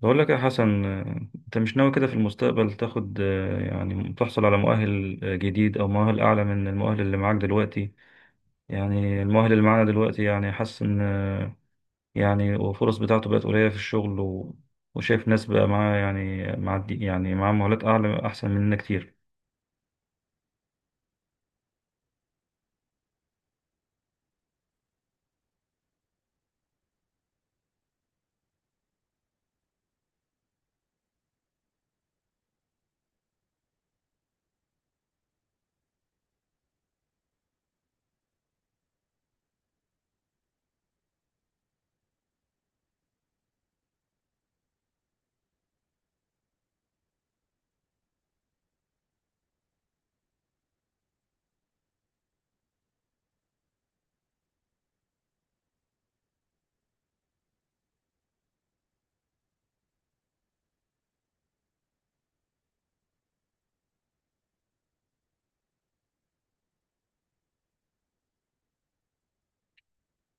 بقول لك يا حسن، انت مش ناوي كده في المستقبل تاخد، يعني تحصل على مؤهل جديد او مؤهل اعلى من المؤهل اللي معاك دلوقتي. يعني المؤهل اللي معانا دلوقتي يعني حاسس ان يعني الفرص بتاعته بقت قليلة في الشغل و وشايف ناس بقى معاه، يعني يعني معاه مؤهلات اعلى احسن مننا كتير.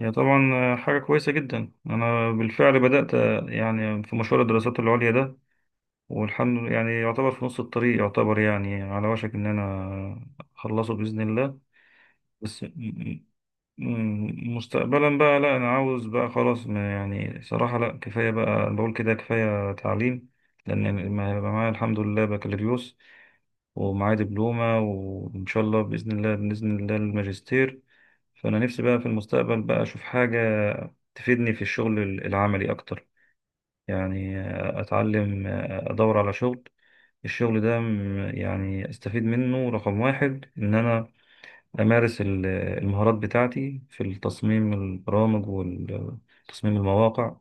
هي طبعا حاجة كويسة جدا. انا بالفعل بدأت، يعني في مشوار الدراسات العليا ده، والحمد لله يعني يعتبر في نص الطريق، يعتبر يعني على وشك ان انا اخلصه بإذن الله. بس، مستقبلا بقى لا، انا عاوز بقى خلاص، ما يعني صراحة لا، كفاية بقى، بقول كده كفاية تعليم. لان ما هيبقى معايا الحمد لله بكالوريوس ومعايا دبلومة، وان شاء الله بإذن الله الماجستير. فانا نفسي بقى في المستقبل بقى اشوف حاجة تفيدني في الشغل العملي اكتر، يعني اتعلم ادور على شغل. الشغل ده، يعني استفيد منه رقم واحد ان انا أمارس المهارات بتاعتي في التصميم البرامج وتصميم المواقع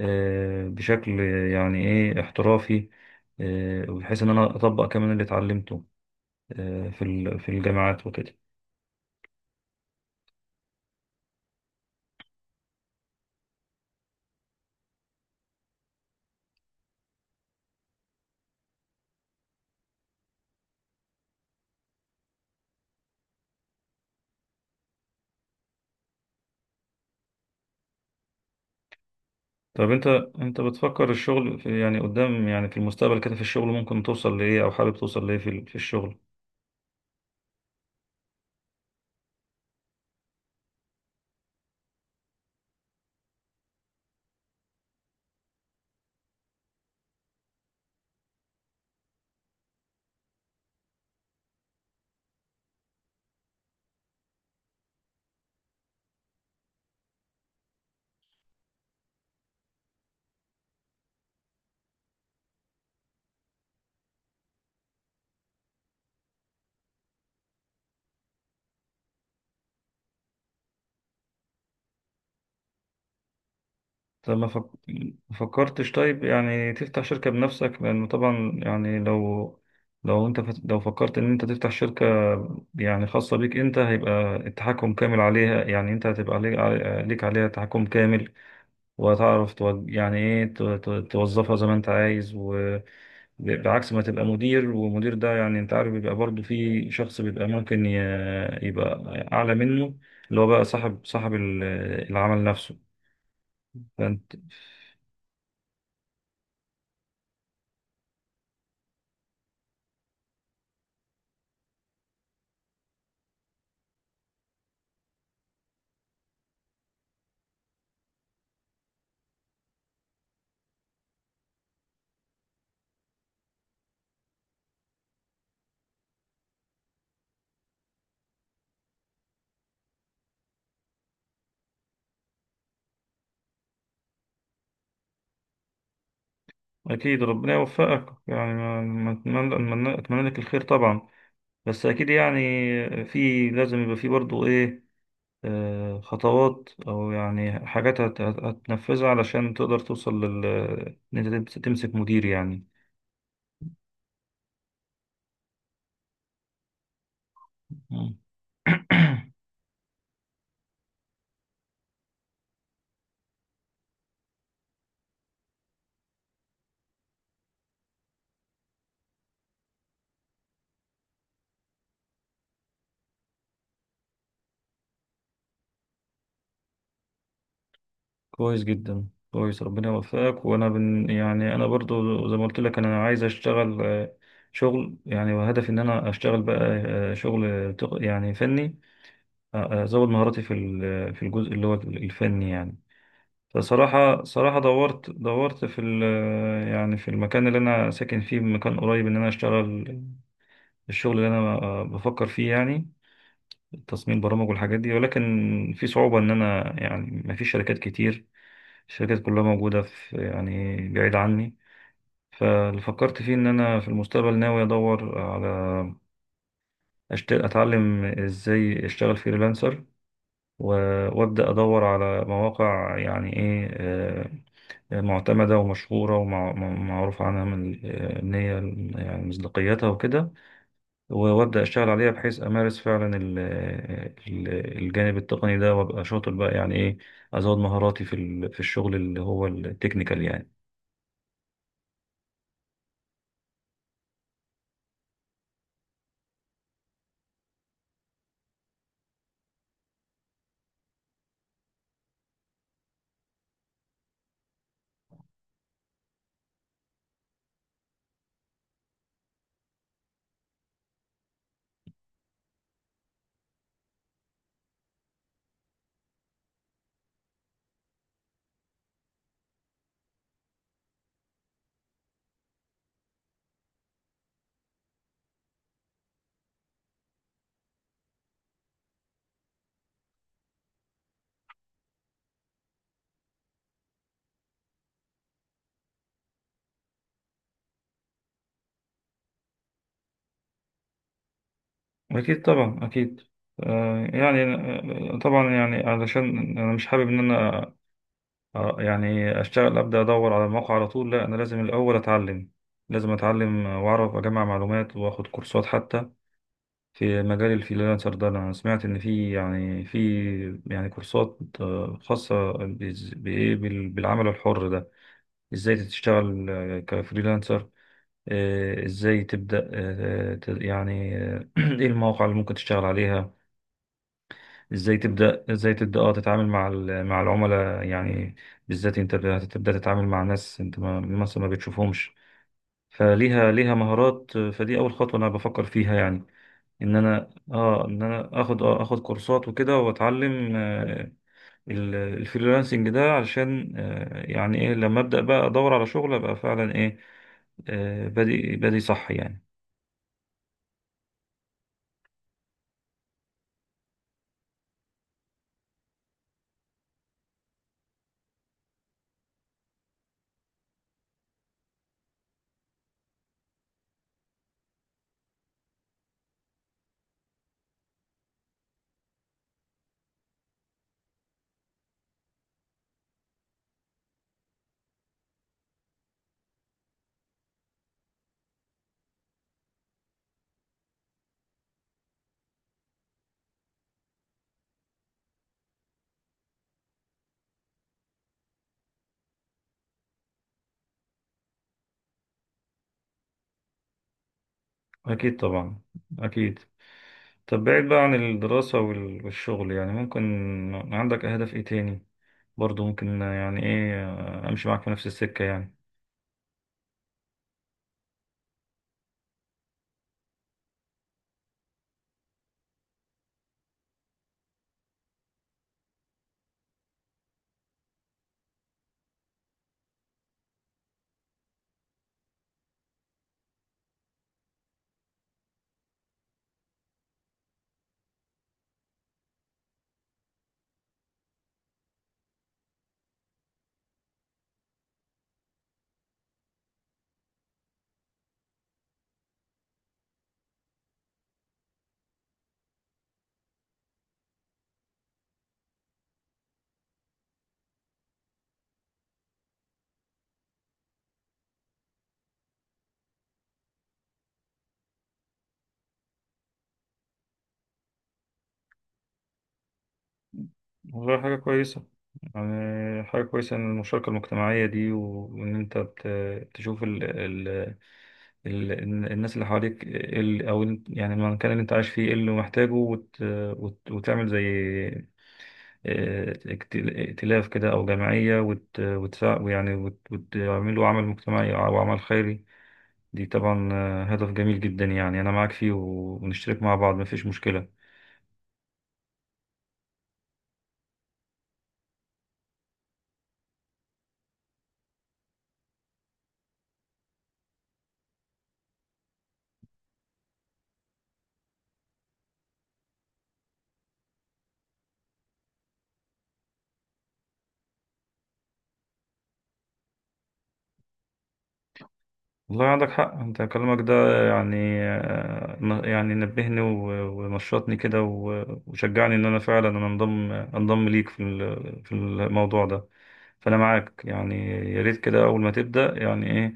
بشكل يعني إيه احترافي. وبحيث إن أنا أطبق كمان اللي اتعلمته، في الجامعات وكده. طب أنت بتفكر الشغل في، يعني قدام، يعني في المستقبل كده في الشغل ممكن توصل لإيه؟ أو حابب توصل لإيه في الشغل؟ طب ما فكرتش طيب يعني تفتح شركة بنفسك؟ لأنه طبعا يعني، لو لو فكرت إن أنت تفتح شركة، يعني خاصة بيك أنت، هيبقى التحكم كامل عليها. يعني أنت هتبقى ليك، ليك عليها تحكم كامل. وهتعرف يعني إيه توظفها زي ما أنت عايز، بعكس ما تبقى مدير. ومدير ده يعني انت عارف بيبقى برضه في شخص، بيبقى ممكن يبقى اعلى منه، اللي هو بقى صاحب العمل نفسه. أكيد، ربنا يوفقك، يعني ما أتمنى لك الخير طبعا. بس أكيد يعني، في لازم يبقى في برضو إيه، خطوات أو يعني حاجات هتنفذها علشان تقدر توصل لل، إن أنت تمسك مدير يعني. مم. كويس جدا كويس، ربنا يوفقك. وأنا يعني أنا برضو زي ما قلت لك أنا عايز أشتغل، شغل يعني. وهدفي إن أنا أشتغل بقى شغل، يعني فني. ازود مهاراتي في الجزء اللي هو الفني يعني. فصراحة دورت يعني في المكان اللي انا ساكن فيه، مكان قريب ان انا اشتغل الشغل اللي انا بفكر فيه يعني، تصميم برامج والحاجات دي. ولكن في صعوبة، ان انا يعني ما فيش شركات كتير. الشركات كلها موجودة في يعني بعيد عني. فاللي فكرت فيه ان انا في المستقبل ناوي ادور على، اتعلم ازاي اشتغل فريلانسر. وابدأ أدور على مواقع، يعني إيه، معتمدة ومشهورة ومعروف عنها من، إن هي يعني مصداقيتها وكده. وابدأ أشتغل عليها بحيث أمارس فعلا الجانب التقني ده، وأبقى شاطر بقى يعني إيه، أزود مهاراتي في الشغل اللي هو التكنيكال يعني. أكيد طبعا أكيد. يعني طبعا يعني، علشان أنا مش حابب إن أنا اه يعني اشتغل ابدا ادور على الموقع على طول. لا، انا لازم الاول اتعلم، لازم اتعلم واعرف اجمع معلومات واخد كورسات حتى في مجال الفريلانسر ده. انا سمعت ان في كورسات خاصة بالعمل الحر ده. ازاي تشتغل كفريلانسر، ازاي تبدا، ايه المواقع اللي ممكن تشتغل عليها، ازاي تبدا تتعامل مع العملاء يعني. بالذات انت هتبدا تتعامل مع ناس انت ما مثلا ما بتشوفهمش، ليها مهارات. فدي اول خطوه انا بفكر فيها، يعني ان انا اخد كورسات وكده، واتعلم الفريلانسنج ده علشان، يعني ايه، لما ابدا بقى ادور على شغل ابقى فعلا ايه، بادئ صح يعني. اكيد طبعا اكيد. طب بعيد بقى عن الدراسة والشغل، يعني ممكن عندك أهداف إيه تاني؟ برضو ممكن يعني إيه أمشي معاك في نفس السكة يعني؟ والله حاجة كويسة، يعني حاجة كويسة إن المشاركة المجتمعية دي، وإن أنت تشوف ال ال ال الناس اللي حواليك إيه، يعني المكان اللي أنت عايش فيه إيه اللي محتاجه، وت وت وتعمل زي ائتلاف كده أو جمعية، وت وتساع- ويعني وت- وتعملوا عمل مجتمعي أو عمل خيري. دي طبعا هدف جميل جدا يعني، أنا معاك فيه ونشترك مع بعض مفيش مشكلة. والله عندك حق، أنت كلامك ده يعني يعني نبهني ونشطني كده وشجعني إن أنا فعلا أنا أنضم ليك في الموضوع ده. فأنا معاك يعني، يا ريت كده أول ما تبدأ يعني إيه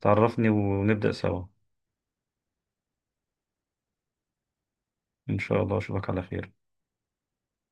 تعرفني ونبدأ سوا. إن شاء الله أشوفك على خير.